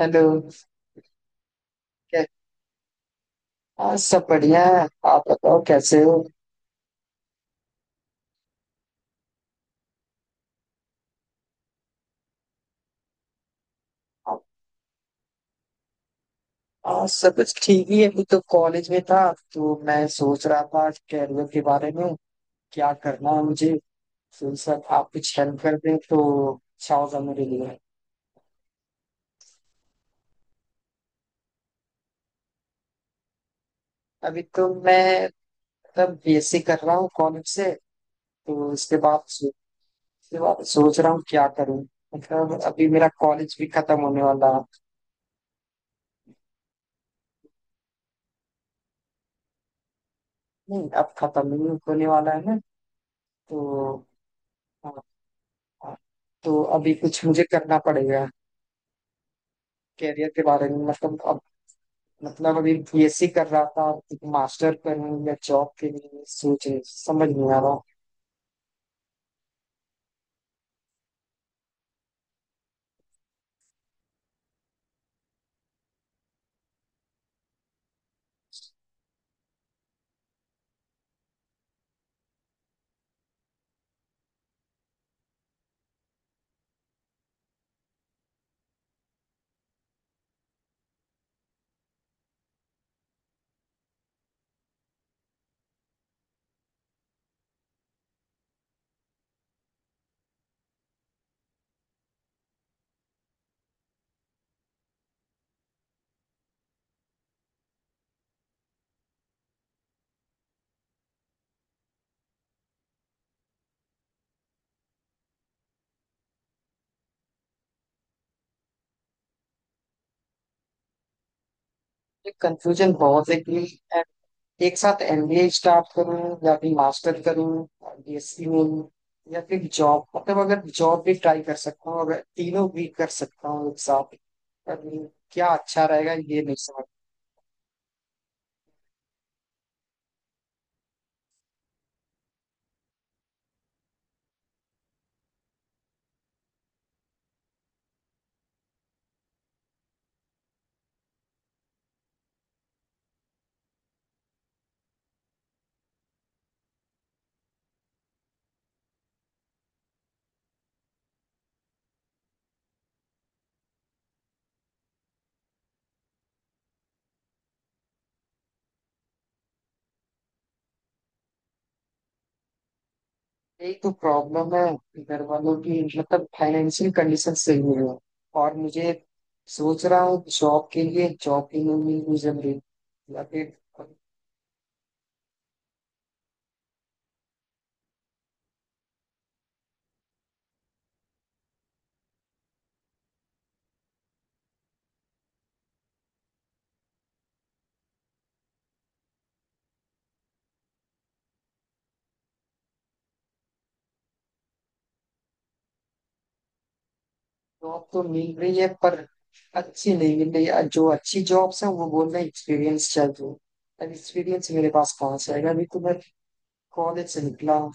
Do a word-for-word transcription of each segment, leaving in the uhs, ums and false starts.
Hello. कै- आज सब बढ़िया है, आप बताओ कैसे हो? आ- आज सब कुछ ठीक ही है, अभी तो कॉलेज में था। तो मैं सोच रहा था कैरियर के बारे में क्या करना है मुझे। तो सर आप कुछ हेल्प कर दें तो अच्छा होगा मेरे लिए। अभी तो मैं मतलब बी एस सी कर रहा हूँ कॉलेज से। तो इसके बाद सो- इसके बाद सोच रहा हूँ क्या करूँ। मतलब अभी मेरा कॉलेज भी खत्म होने वाला है। नहीं, अब खत्म ही होने वाला है ना तो। हाँ। हाँ, तो अभी कुछ मुझे करना पड़ेगा कैरियर के बारे में मतलब अब। मतलब अभी बी एस सी कर रहा था, मास्टर करूँ या जॉब के लिए सोच रही- समझ नहीं आ रहा। ये कंफ्यूजन बहुत है कि एक साथ एम बी ए स्टार्ट करूं या फिर मास्टर करूं बी एस सी में, या फिर जॉब। मतलब अगर जॉब भी ट्राई कर सकता हूँ, अगर तीनों भी कर सकता हूँ एक साथ, पर क्या अच्छा रहेगा ये नहीं समझ। यही तो प्रॉब्लम है, घर वालों की मतलब फाइनेंशियल कंडीशन सही नहीं है। और मुझे सोच रहा हूँ जॉब के लिए, जॉब की नहीं मिल मुझे रही, या फिर जॉब तो मिल रही है पर अच्छी नहीं मिल रही है। जो अच्छी जॉब्स है वो बोल रहे हैं एक्सपीरियंस चाहिए। अब एक्सपीरियंस मेरे पास कहाँ से आएगा, अभी तो मैं कॉलेज से निकला हूँ।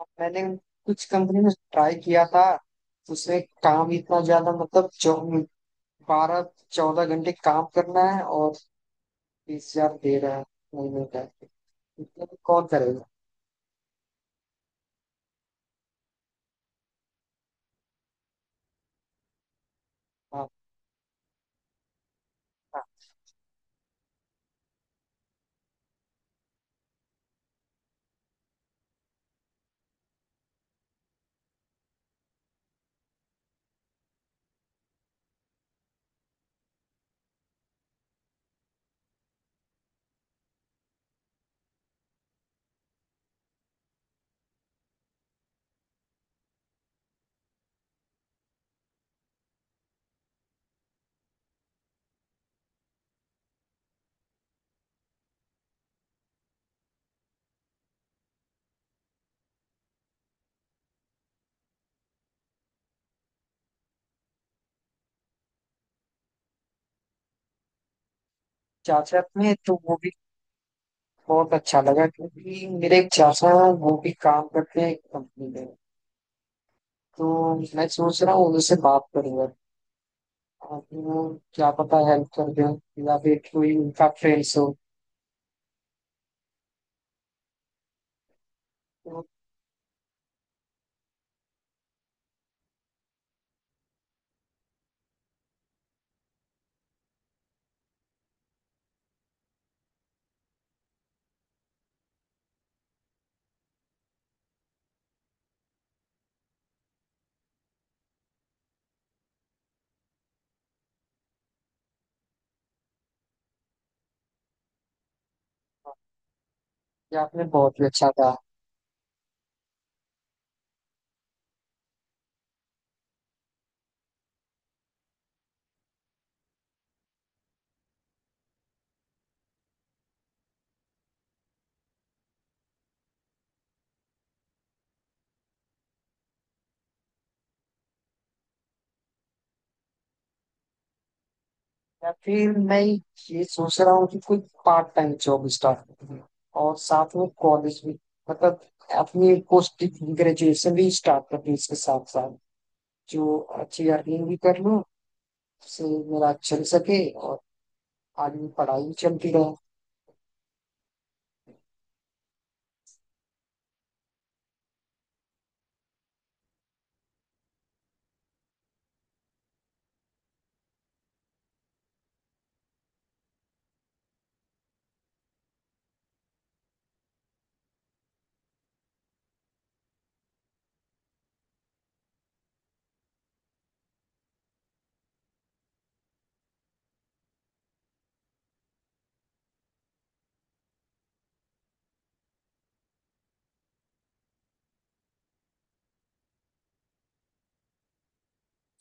अब मैंने कुछ कंपनी में ट्राई किया था तो उसमें काम इतना ज्यादा, मतलब जो बारह चौदह घंटे काम करना है और बीस हजार दे रहा है महीने का। मतलब कौन करेगा। हाँ। हाँ। चाचा में तो वो भी बहुत अच्छा लगा क्योंकि मेरे एक चाचा हैं वो भी काम करते हैं एक कंपनी में। तो मैं सोच रहा हूँ उनसे बात करूंगा। आप वो क्या पता हेल्प कर दें या फिर कोई उनका फ्रेंड्स हो। तो ये आपने बहुत ही अच्छा कहा। या फिर मैं ये सोच रहा हूँ कि कोई पार्ट टाइम जॉब स्टार्ट करूँ और साथ में कॉलेज भी, मतलब अपनी पोस्ट ग्रेजुएशन भी स्टार्ट कर दूँ इसके साथ साथ, जो अच्छी अर्निंग भी कर लूँ, उससे मेरा चल सके और आगे भी पढ़ाई भी चलती रहे।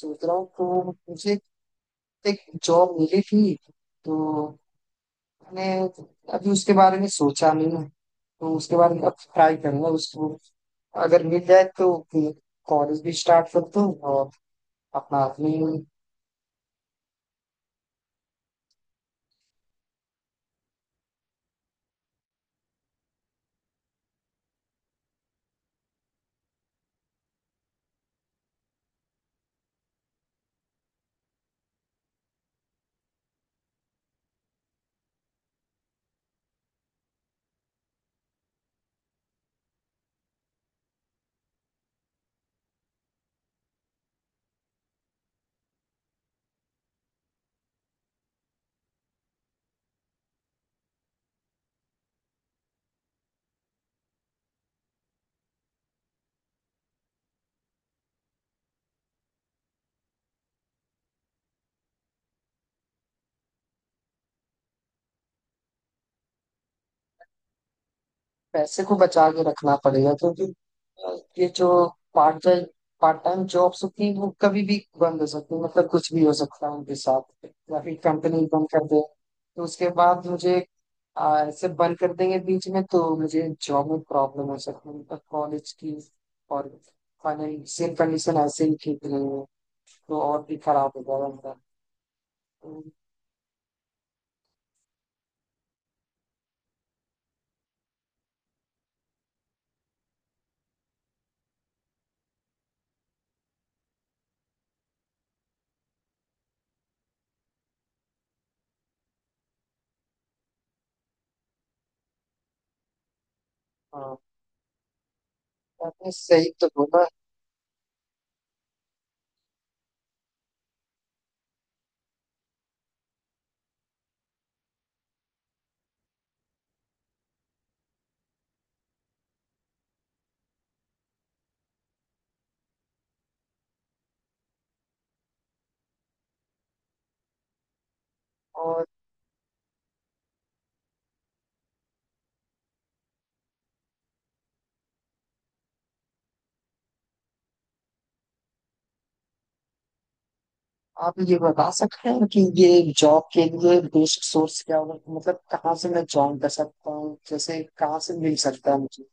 सोच रहा हूँ तो मुझे एक जॉब मिली थी, तो मैंने अभी उसके बारे में सोचा नहीं है, तो उसके बारे में अब ट्राई करूंगा उसको। अगर मिल जाए तो कॉलेज भी स्टार्ट कर दूँ और अपना अपनी पैसे को बचा के रखना पड़ेगा क्योंकि अ, ये जो part time part time jobs होती हैं वो कभी भी बंद हो सकती है, मतलब कुछ भी हो सकता है उनके साथ, या फिर कंपनी बंद कर दे। तो उसके बाद मुझे अ, ऐसे बंद कर देंगे बीच में तो मुझे जॉब में प्रॉब्लम हो सकती है, मतलब कॉलेज की। और फाइनेंशियल कंडीशन ऐसे ही ठीक नहीं है तो और भी खराब हो जाएगा मेरा। तो, हाँ आपने सही तो बोला। और आप ये बता सकते हैं कि ये जॉब के लिए बेसिक सोर्स क्या होगा, मतलब कहाँ से मैं ज्वाइन कर सकता हूँ, जैसे कहाँ से मिल सकता है मुझे।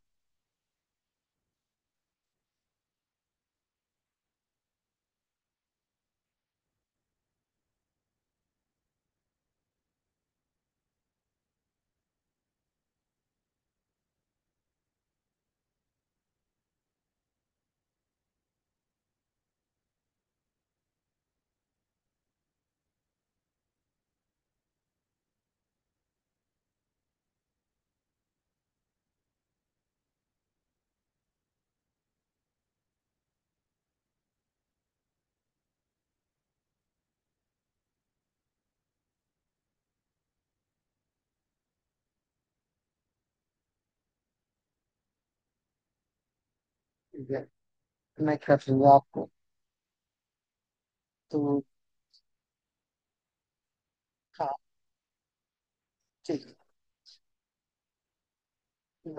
ठीक है, मैं कर दूंगा आपको। तो हाँ ठीक है